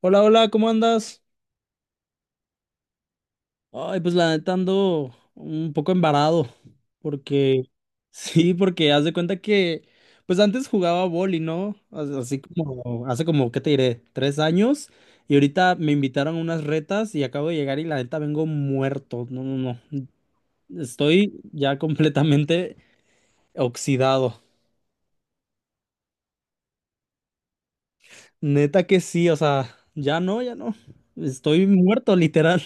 Hola, hola, ¿cómo andas? Ay, pues la neta ando un poco embarado, porque sí, porque haz de cuenta que, pues antes jugaba boli, ¿no? Así como, hace como, ¿qué te diré? 3 años, y ahorita me invitaron a unas retas y acabo de llegar y la neta vengo muerto, no, no, no, estoy ya completamente oxidado, neta que sí, o sea, ya no, ya no, estoy muerto, literal.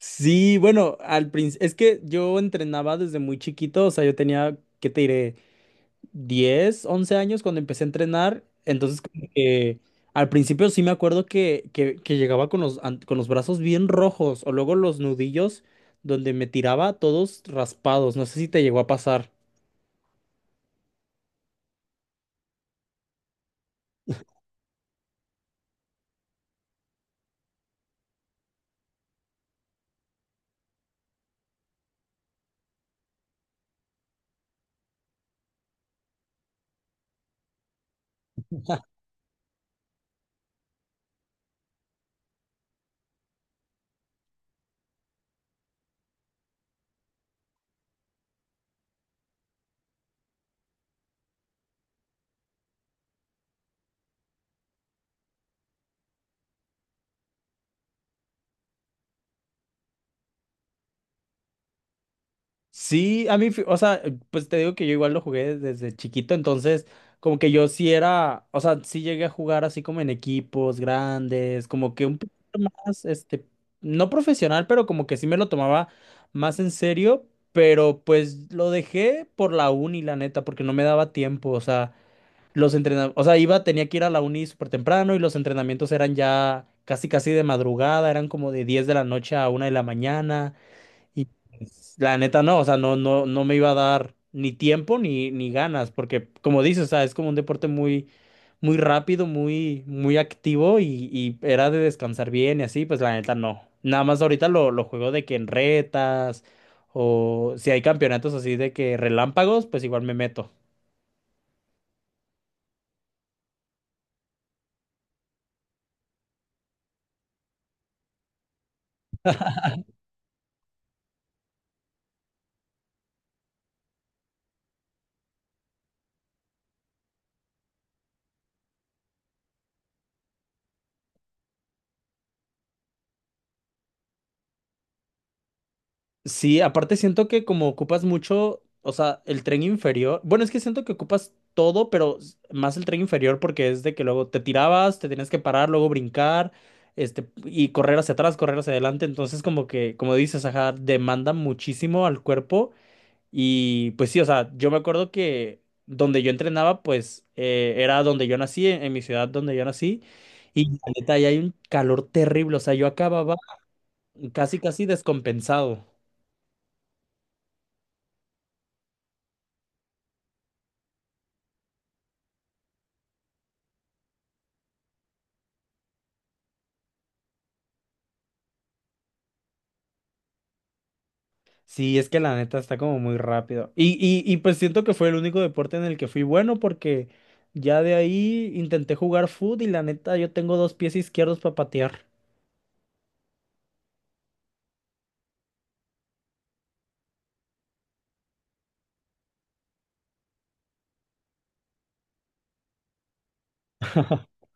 Sí, bueno, al principio, es que yo entrenaba desde muy chiquito, o sea, yo tenía, ¿qué te diré? 10, 11 años cuando empecé a entrenar, entonces como que al principio sí me acuerdo que llegaba con con los brazos bien rojos o luego los nudillos donde me tiraba todos raspados, no sé si te llegó a pasar. Sí, a mí, o sea, pues te digo que yo igual lo jugué desde chiquito, entonces como que yo sí era, o sea, sí llegué a jugar así como en equipos grandes, como que un poquito más, no profesional, pero como que sí me lo tomaba más en serio, pero pues lo dejé por la uni, la neta, porque no me daba tiempo, o sea, los entrenamientos, o sea, iba, tenía que ir a la uni súper temprano y los entrenamientos eran ya casi casi de madrugada, eran como de 10 de la noche a 1 de la mañana. Y la neta no, o sea, no, no, no me iba a dar ni tiempo ni ganas, porque como dices, o sea, es como un deporte muy, muy rápido, muy, muy activo y era de descansar bien y así, pues la neta no. Nada más ahorita lo juego de que en retas o si hay campeonatos así de que relámpagos, pues igual me meto. Sí, aparte siento que como ocupas mucho, o sea, el tren inferior, bueno, es que siento que ocupas todo, pero más el tren inferior porque es de que luego te tirabas, te tenías que parar, luego brincar, y correr hacia atrás, correr hacia adelante, entonces como que, como dices, ajá, demanda muchísimo al cuerpo y pues sí, o sea, yo me acuerdo que donde yo entrenaba, pues era donde yo nací, en mi ciudad donde yo nací, y la neta, ahí hay un calor terrible, o sea, yo acababa casi, casi descompensado. Sí, es que la neta está como muy rápido. Y pues siento que fue el único deporte en el que fui bueno porque ya de ahí intenté jugar fútbol y la neta yo tengo dos pies izquierdos para patear.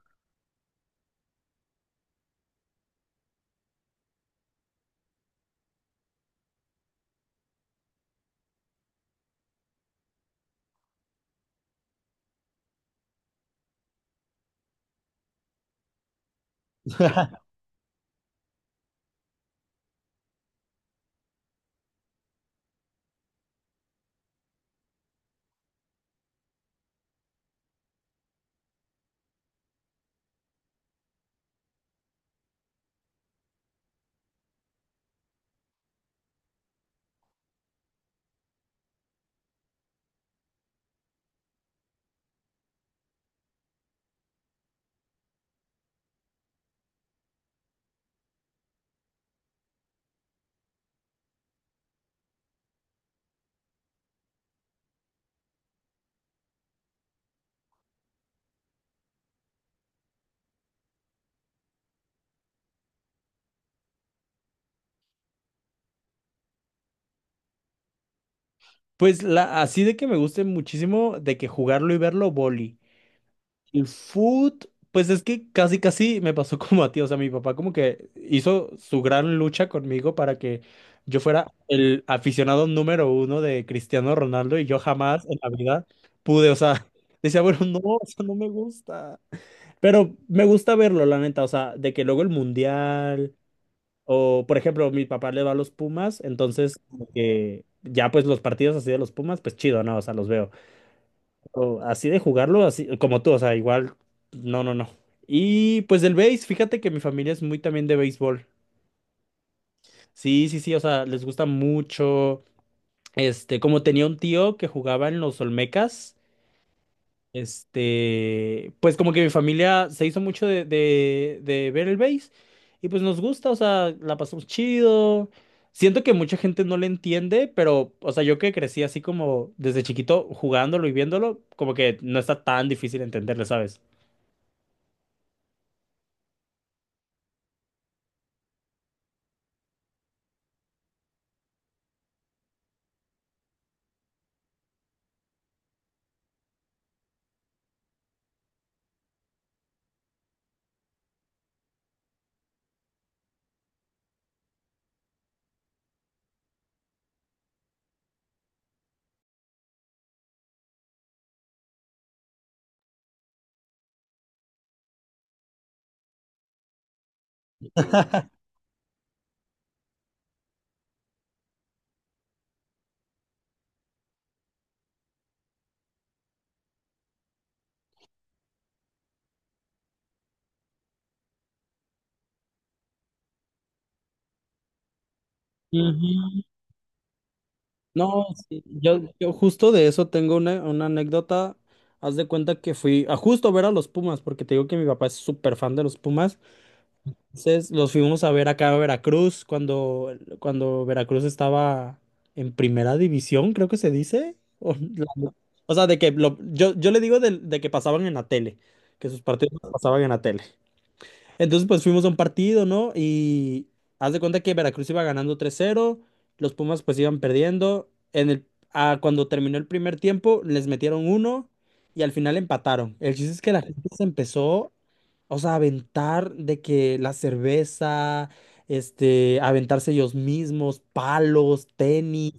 Pues así de que me guste muchísimo de que jugarlo y verlo, vóley. El food, pues es que casi casi me pasó como a ti, o sea, mi papá como que hizo su gran lucha conmigo para que yo fuera el aficionado número uno de Cristiano Ronaldo y yo jamás en la vida pude, o sea, decía, bueno, no, o sea, no me gusta, pero me gusta verlo, la neta, o sea, de que luego el mundial, o por ejemplo, mi papá le va a los Pumas, entonces como que ya pues los partidos así de los Pumas, pues chido, ¿no? O sea, los veo. O así de jugarlo, así como tú, o sea, igual, no, no, no. Y pues del béis, fíjate que mi familia es muy también de béisbol. Sí, sí, sí, o sea, les gusta mucho. Como tenía un tío que jugaba en los Olmecas, pues como que mi familia se hizo mucho de ver el béis y pues nos gusta, o sea, la pasamos chido. Siento que mucha gente no le entiende, pero, o sea, yo que crecí así como desde chiquito jugándolo y viéndolo, como que no está tan difícil entenderle, ¿sabes? Ujú. No, sí, yo justo de eso tengo una anécdota. Haz de cuenta que fui a justo ver a los Pumas, porque te digo que mi papá es súper fan de los Pumas. Entonces los fuimos a ver acá a Veracruz cuando Veracruz estaba en primera división, creo que se dice. O, la- o sea, de que yo le digo de que pasaban en la tele, que sus partidos los pasaban en la tele. Entonces, pues fuimos a un partido, ¿no? Y haz de cuenta que Veracruz iba ganando 3-0, los Pumas pues iban perdiendo. Cuando terminó el primer tiempo, les metieron uno y al final empataron. El chiste es que la gente se empezó, o sea, a aventar de que la cerveza, aventarse ellos mismos, palos, tenis.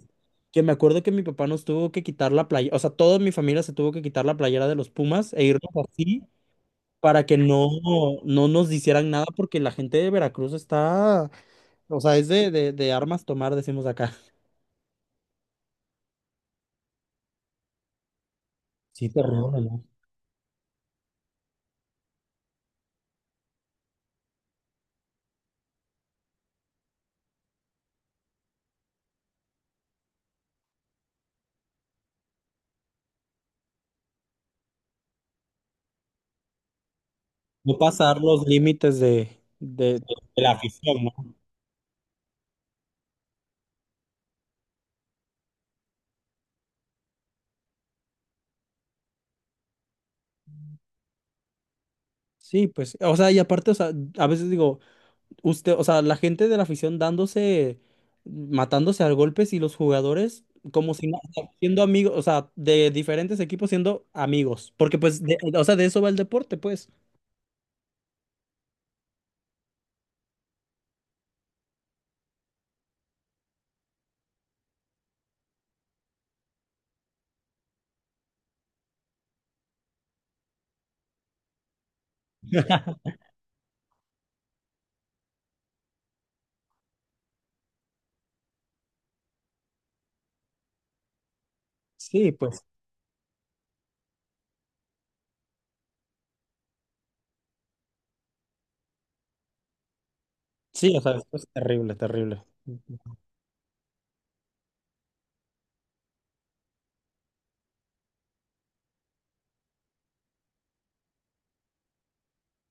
Que me acuerdo que mi papá nos tuvo que quitar la playa, o sea, toda mi familia se tuvo que quitar la playera de los Pumas e irnos así para que no nos hicieran nada, porque la gente de Veracruz está, o sea, es de armas tomar, decimos acá. Sí, terrible, ¿no? No pasar los límites de, de- de la afición, ¿no? Sí, pues, o sea, y aparte, o sea, a veces digo, usted, o sea, la gente de la afición dándose, matándose a golpes y los jugadores como si no, o sea, siendo amigos, o sea, de diferentes equipos siendo amigos, porque pues, o sea, de eso va el deporte, pues. Sí, pues, sí, o sea, esto es terrible, terrible.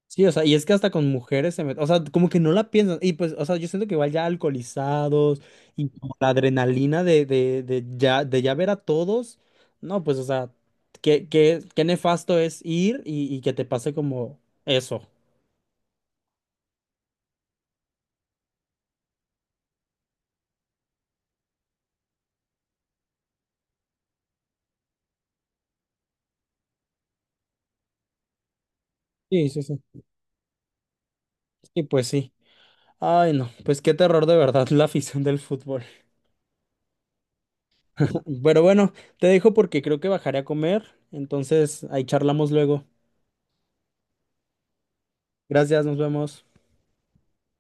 Sí, o sea, y es que hasta con mujeres se meten, o sea, como que no la piensan, y pues, o sea, yo siento que igual ya alcoholizados y como la adrenalina de ya ver a todos, no, pues, o sea, qué nefasto es ir y que te pase como eso. Sí, sí, sí. Sí, pues sí. Ay, no, pues qué terror de verdad la afición del fútbol. Pero bueno, te dejo porque creo que bajaré a comer, entonces ahí charlamos luego. Gracias, nos vemos.